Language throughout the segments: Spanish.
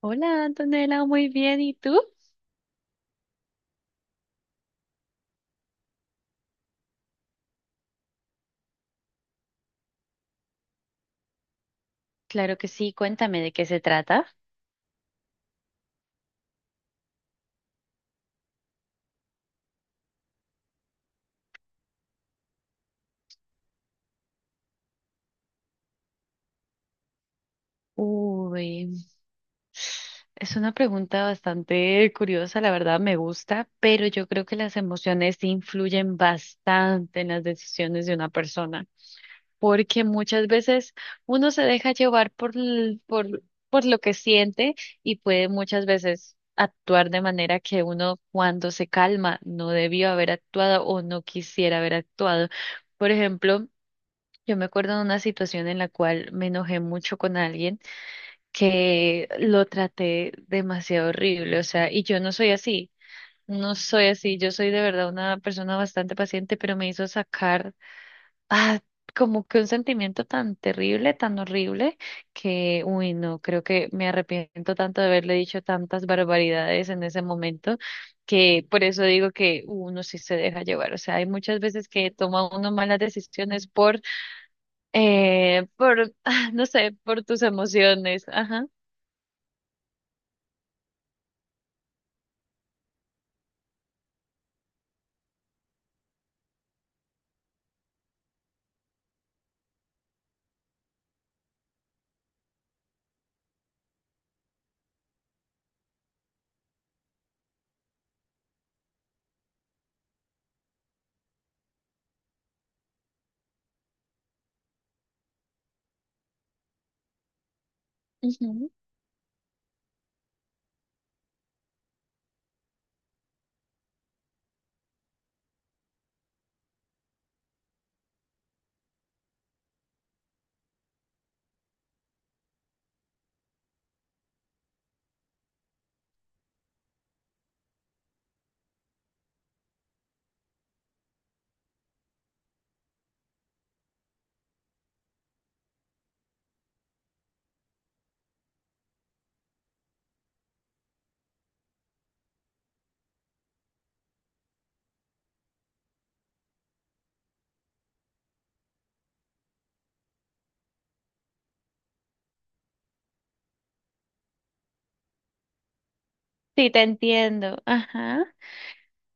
Hola, Antonella, muy bien. ¿Y tú? Claro que sí, cuéntame de qué se trata. Uy, es una pregunta bastante curiosa, la verdad me gusta, pero yo creo que las emociones influyen bastante en las decisiones de una persona, porque muchas veces uno se deja llevar por lo que siente y puede muchas veces actuar de manera que uno cuando se calma no debió haber actuado o no quisiera haber actuado. Por ejemplo, yo me acuerdo de una situación en la cual me enojé mucho con alguien que lo traté demasiado horrible, o sea, y yo no soy así, no soy así, yo soy de verdad una persona bastante paciente, pero me hizo sacar ah, como que un sentimiento tan terrible, tan horrible, que, uy, no, creo que me arrepiento tanto de haberle dicho tantas barbaridades en ese momento, que por eso digo que uno sí se deja llevar, o sea, hay muchas veces que toma uno malas decisiones por no sé, por tus emociones. Ajá. Ujú. Sí, te entiendo. Ajá.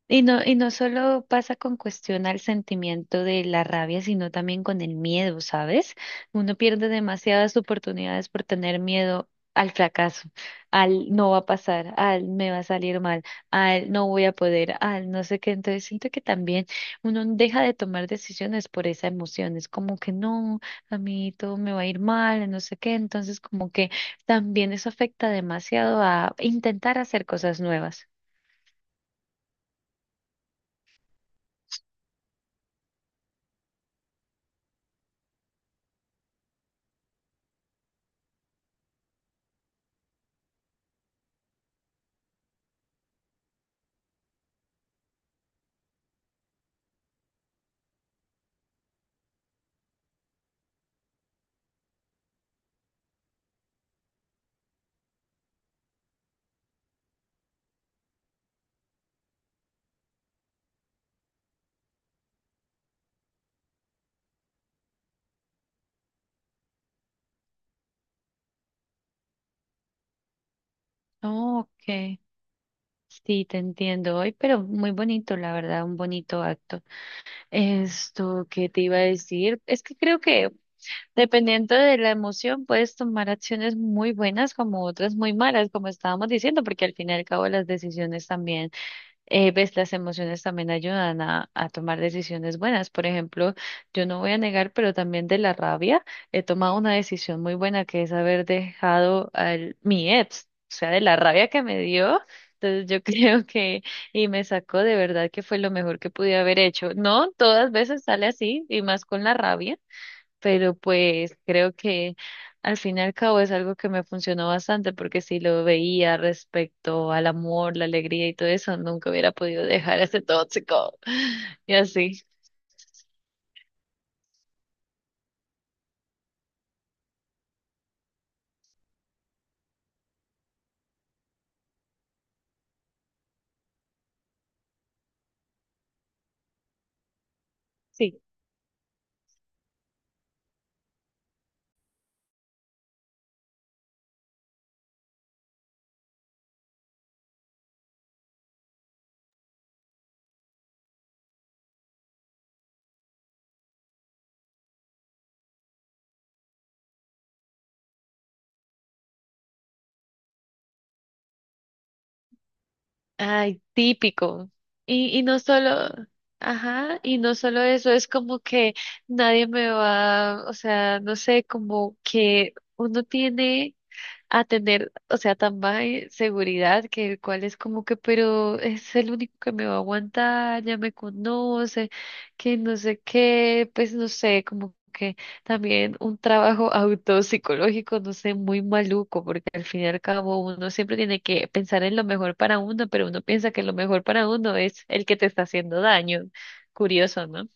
Y no solo pasa con cuestión al sentimiento de la rabia, sino también con el miedo, ¿sabes? Uno pierde demasiadas oportunidades por tener miedo al fracaso, al no va a pasar, al me va a salir mal, al no voy a poder, al no sé qué. Entonces siento que también uno deja de tomar decisiones por esa emoción. Es como que no, a mí todo me va a ir mal, no sé qué. Entonces como que también eso afecta demasiado a intentar hacer cosas nuevas. Ok. Sí, te entiendo hoy, pero muy bonito, la verdad, un bonito acto. Esto que te iba a decir, es que creo que dependiendo de la emoción puedes tomar acciones muy buenas como otras muy malas, como estábamos diciendo, porque al fin y al cabo las decisiones también ves, las emociones también ayudan a tomar decisiones buenas. Por ejemplo, yo no voy a negar, pero también de la rabia he tomado una decisión muy buena que es haber dejado a mi ex, o sea, de la rabia que me dio. Entonces yo creo que, y me sacó de verdad que fue lo mejor que pude haber hecho. No todas veces sale así, y más con la rabia, pero pues creo que al fin y al cabo es algo que me funcionó bastante porque si lo veía respecto al amor, la alegría y todo eso, nunca hubiera podido dejar ese tóxico y así. Sí. Ay, típico. Y no solo, ajá, y no solo eso, es como que nadie me va, o sea, no sé, como que uno tiene a tener, o sea, tan baja seguridad que el cual es como que, pero es el único que me va a aguantar, ya me conoce, que no sé qué, pues no sé, como que también un trabajo autopsicológico, no sé, muy maluco, porque al fin y al cabo uno siempre tiene que pensar en lo mejor para uno, pero uno piensa que lo mejor para uno es el que te está haciendo daño. Curioso, ¿no?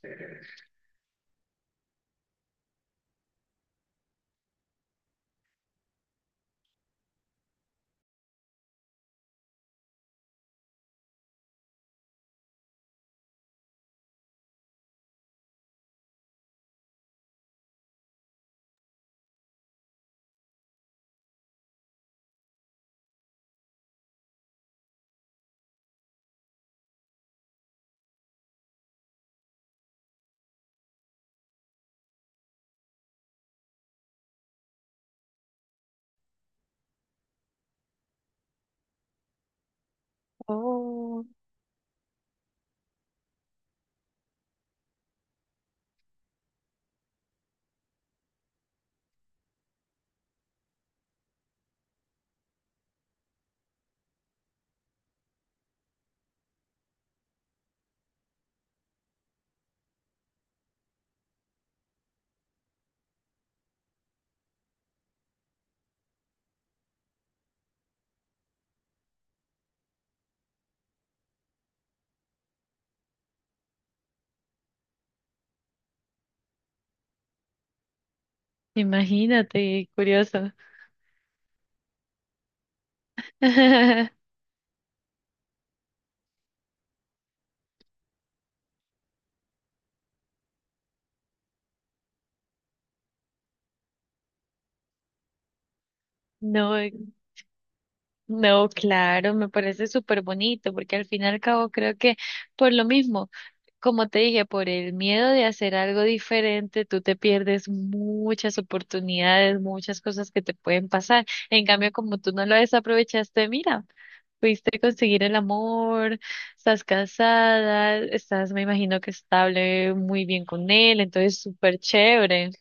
Oh. Imagínate, curioso. No, no, claro, me parece súper bonito, porque al fin y al cabo creo que por lo mismo, como te dije, por el miedo de hacer algo diferente, tú te pierdes muchas oportunidades, muchas cosas que te pueden pasar. En cambio, como tú no lo desaprovechaste, mira, pudiste conseguir el amor, estás casada, estás, me imagino que estable, muy bien con él, entonces súper chévere.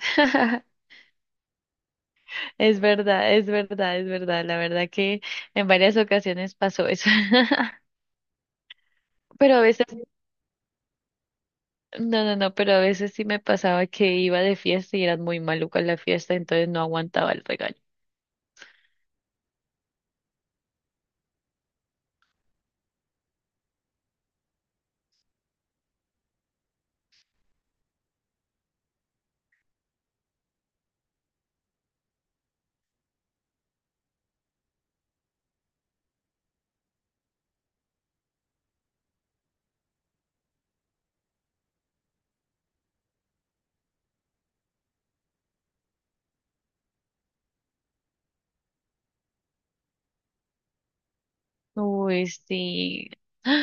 Es verdad, es verdad, es verdad, la verdad que en varias ocasiones pasó eso. Pero a veces, no, no, no, pero a veces sí me pasaba que iba de fiesta y era muy maluca la fiesta, entonces no aguantaba el regaño. Uy, sí.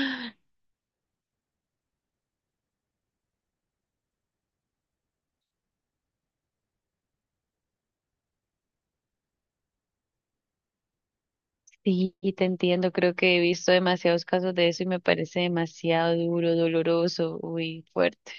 Sí, y te entiendo, creo que he visto demasiados casos de eso y me parece demasiado duro, doloroso, uy, fuerte.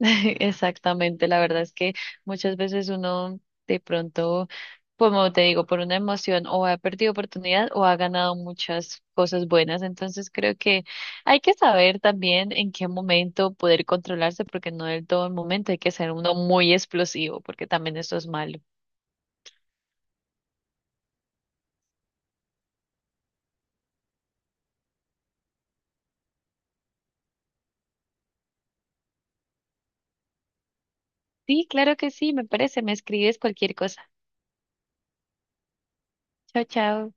Exactamente, la verdad es que muchas veces uno de pronto, como te digo, por una emoción o ha perdido oportunidad o ha ganado muchas cosas buenas. Entonces creo que hay que saber también en qué momento poder controlarse, porque no del todo el momento hay que ser uno muy explosivo, porque también eso es malo. Sí, claro que sí, me parece, me escribes cualquier cosa. Chao, chao.